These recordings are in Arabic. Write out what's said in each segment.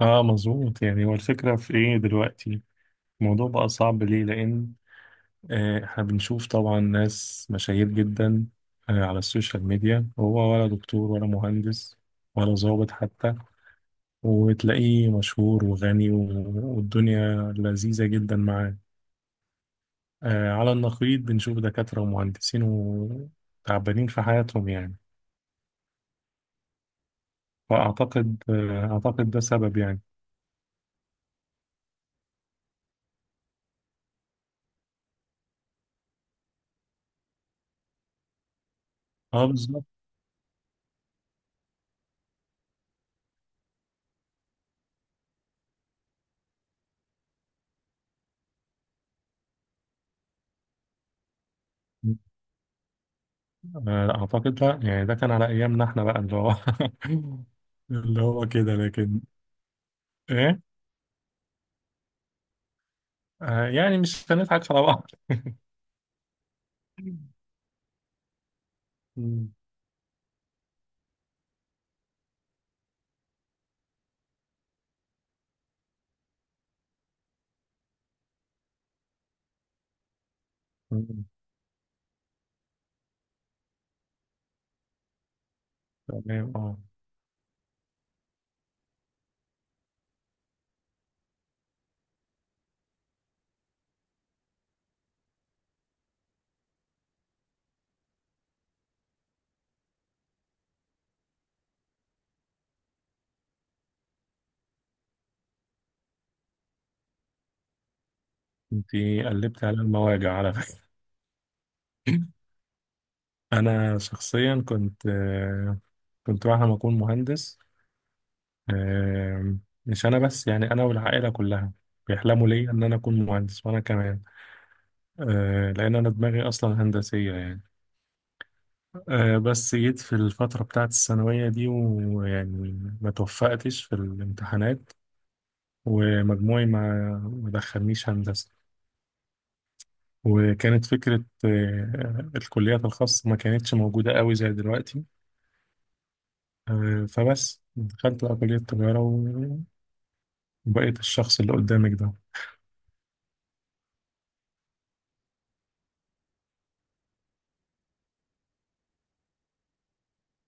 اه، مظبوط، يعني هو الفكرة في ايه دلوقتي؟ الموضوع بقى صعب ليه؟ لان احنا بنشوف طبعا ناس مشاهير جدا على السوشيال ميديا، هو ولا دكتور ولا مهندس ولا ضابط حتى، وتلاقيه مشهور وغني والدنيا لذيذة جدا معاه. على النقيض بنشوف دكاترة ومهندسين وتعبانين في حياتهم يعني. فأعتقد آه، أعتقد ده سبب يعني. اه، بالظبط. آه، لا أعتقد، لا، يعني ده كان على أيامنا إحنا بقى، اللي هو اللي هو كده. لكن إيه؟ يعني مش هنضحك على بعض. مم. مم. تمام، أه. أنت قلبت على المواجع على فكرة. أنا شخصيا كنت كنت بعد ما أكون مهندس. آه، مش أنا بس، يعني أنا والعائلة كلها بيحلموا ليا إن أنا أكون مهندس، وأنا كمان لأن أنا دماغي أصلا هندسية يعني. بس جيت في الفترة بتاعت الثانوية دي، ويعني ما توفقتش في الامتحانات، ومجموعي ما دخلنيش هندسة. وكانت فكرة الكليات الخاصة ما كانتش موجودة قوي زي دلوقتي. فبس دخلت بقى كلية التجارة، وبقيت الشخص اللي قدامك ده.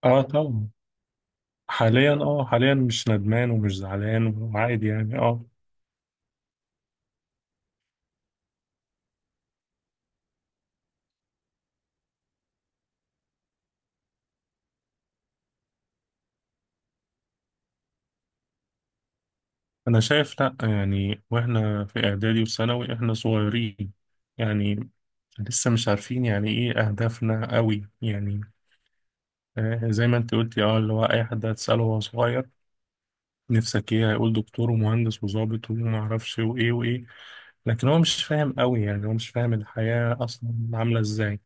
اه طبعا. حاليا، حاليا مش ندمان ومش زعلان وعادي يعني، اه. انا شايف لا، يعني واحنا في اعدادي وثانوي احنا صغيرين يعني، لسه مش عارفين يعني ايه اهدافنا قوي يعني. زي ما انت قلتي، اه، اللي هو اي حد هتساله وهو صغير نفسك ايه، هيقول دكتور ومهندس وظابط وما اعرفش وايه وايه. لكن هو مش فاهم قوي، يعني هو مش فاهم الحياة اصلا عاملة ازاي.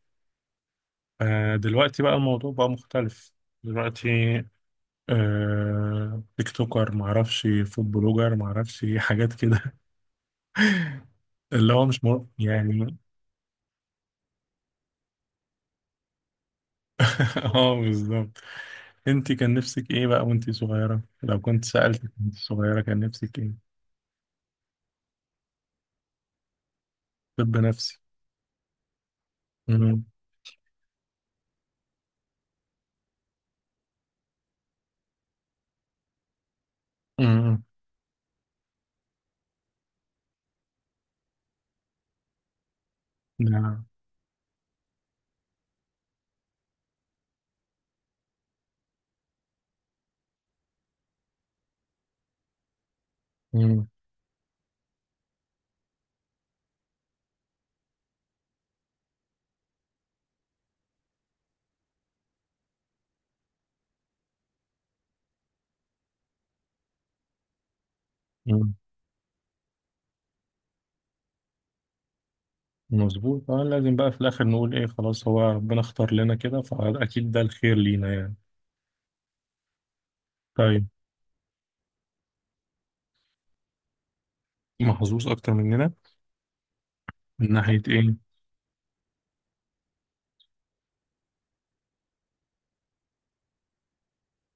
فدلوقتي بقى الموضوع بقى مختلف. دلوقتي تيك توكر، ما اعرفش، فود بلوجر، ما اعرفش حاجات كده. اللي هو مش يعني. اه، بالظبط. انت كان نفسك ايه بقى وانت صغيرة؟ لو كنت سألتك وانت صغيرة كان نفسك ايه؟ طب نفسي. امم. امم. نعم. امم. امم. مظبوط، اه، لازم بقى في الاخر نقول ايه، خلاص هو ربنا اختار لنا كده، فاكيد ده الخير لينا يعني. طيب، محظوظ اكتر مننا من ناحية ايه؟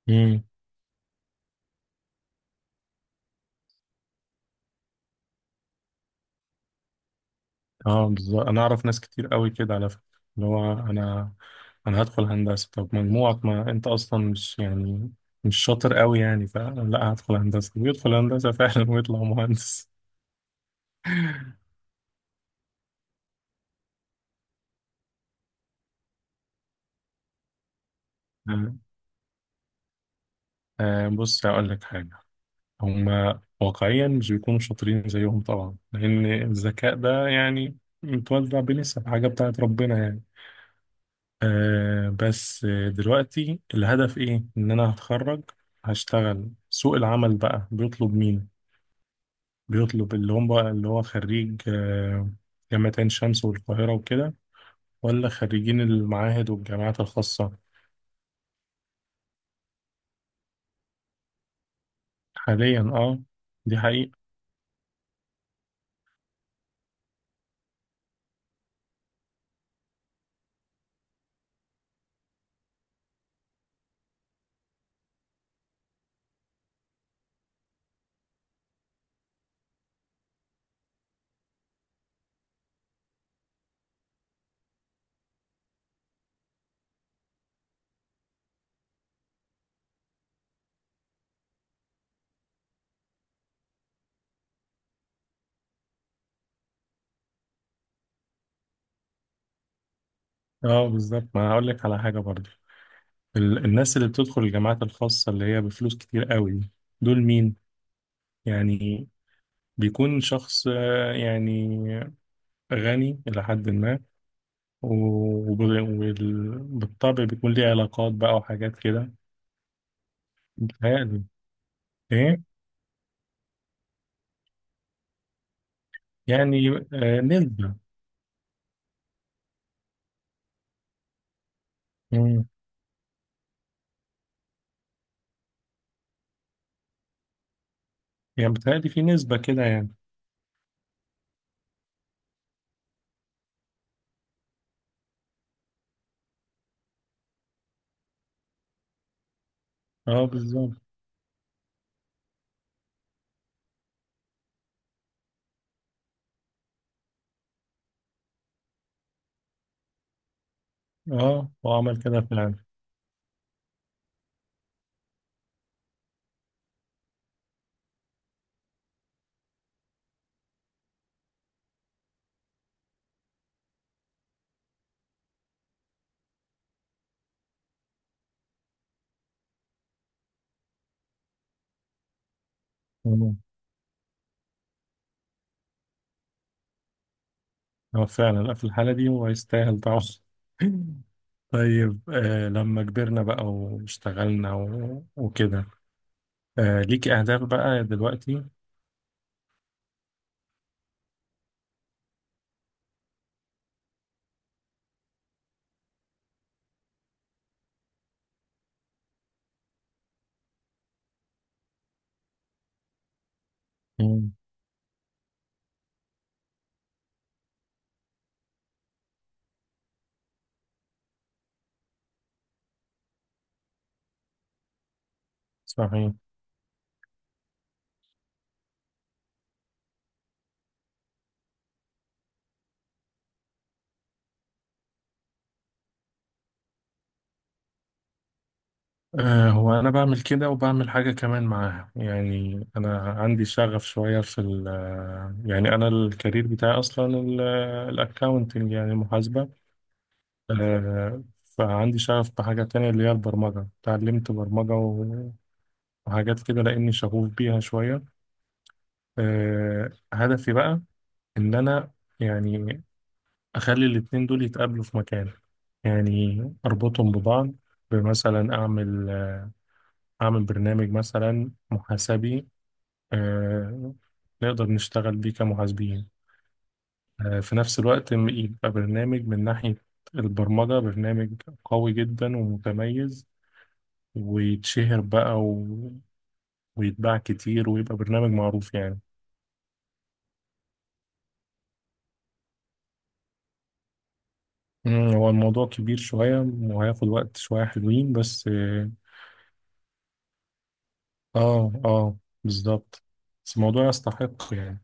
مم. اه، بالظبط، انا اعرف ناس كتير قوي كده على فكره، اللي هو انا هدخل هندسه، طب مجموعك ما انت اصلا مش يعني مش شاطر قوي يعني، فلا هدخل هندسه، ويدخل هندسه فعلا ويطلع مهندس. آه، بص هقول لك حاجه، هم واقعيا مش بيكونوا شاطرين زيهم طبعا، لان الذكاء ده يعني متوزع بنسب، حاجه بتاعت ربنا يعني. بس دلوقتي الهدف ايه؟ ان انا هتخرج هشتغل، سوق العمل بقى بيطلب مين؟ بيطلب اللي هم بقى اللي هو خريج جامعة عين شمس والقاهرة وكده، ولا خريجين المعاهد والجامعات الخاصة؟ حاليا اه، دي حقيقة. اه، بالظبط، ما أنا هقول لك على حاجة برضه، الناس اللي بتدخل الجامعات الخاصة اللي هي بفلوس كتير قوي دي، دول مين يعني؟ بيكون شخص يعني غني إلى حد ما، وبالطبع بيكون ليه علاقات بقى وحاجات كده. متهيألي. إيه؟ يعني نسبة، يعني بتهيألي في نسبة كده يعني. اه، بالظبط. اه، هو عمل كده فعلا. مم. هو فعلا لا، في الحالة دي هو يستاهل طبعا. طيب، لما كبرنا بقى واشتغلنا وكده، ليك أهداف بقى دلوقتي؟ مم. صحيح. هو أنا بعمل كده وبعمل حاجة كمان معاها، يعني أنا عندي شغف شوية في ال يعني، أنا الكارير بتاعي أصلا الأكاونتنج، يعني محاسبة. فعندي شغف بحاجة تانية اللي هي البرمجة، اتعلمت برمجة وحاجات كده لأني شغوف بيها شوية. هدفي بقى إن أنا يعني أخلي الاتنين دول يتقابلوا في مكان، يعني أربطهم ببعض، بمثلا أعمل أعمل برنامج مثلا محاسبي، آه، نقدر نشتغل بيه كمحاسبين، في نفس الوقت يبقى برنامج من ناحية البرمجة، برنامج قوي جدا ومتميز، ويتشهر بقى ويتباع كتير ويبقى برنامج معروف يعني. مم، هو الموضوع كبير شوية وهياخد وقت، شوية حلوين بس، اه. اه، بالظبط. بس الموضوع يستحق يعني.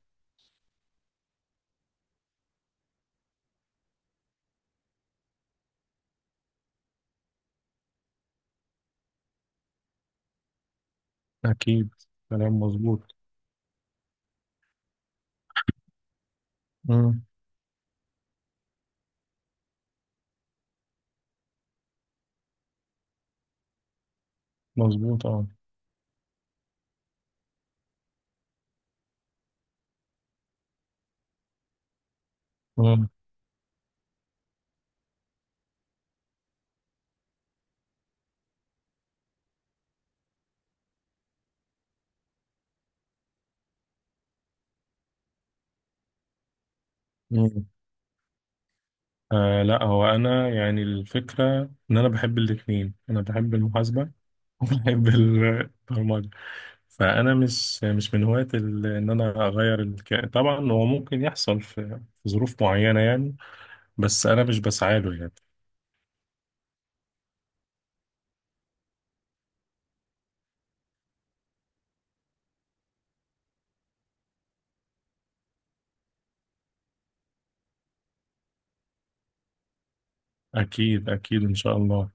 أكيد. كلام مظبوط. مم، مظبوط اه. مم. مم. لا، هو أنا يعني الفكرة إن أنا بحب الاتنين، أنا بحب المحاسبة، وبحب البرمجة. فانا مش من هواة ان انا اغير الكائن، طبعا هو ممكن يحصل في ظروف معينه يعني، بس انا مش بسعى له يعني. اكيد، اكيد، ان شاء الله.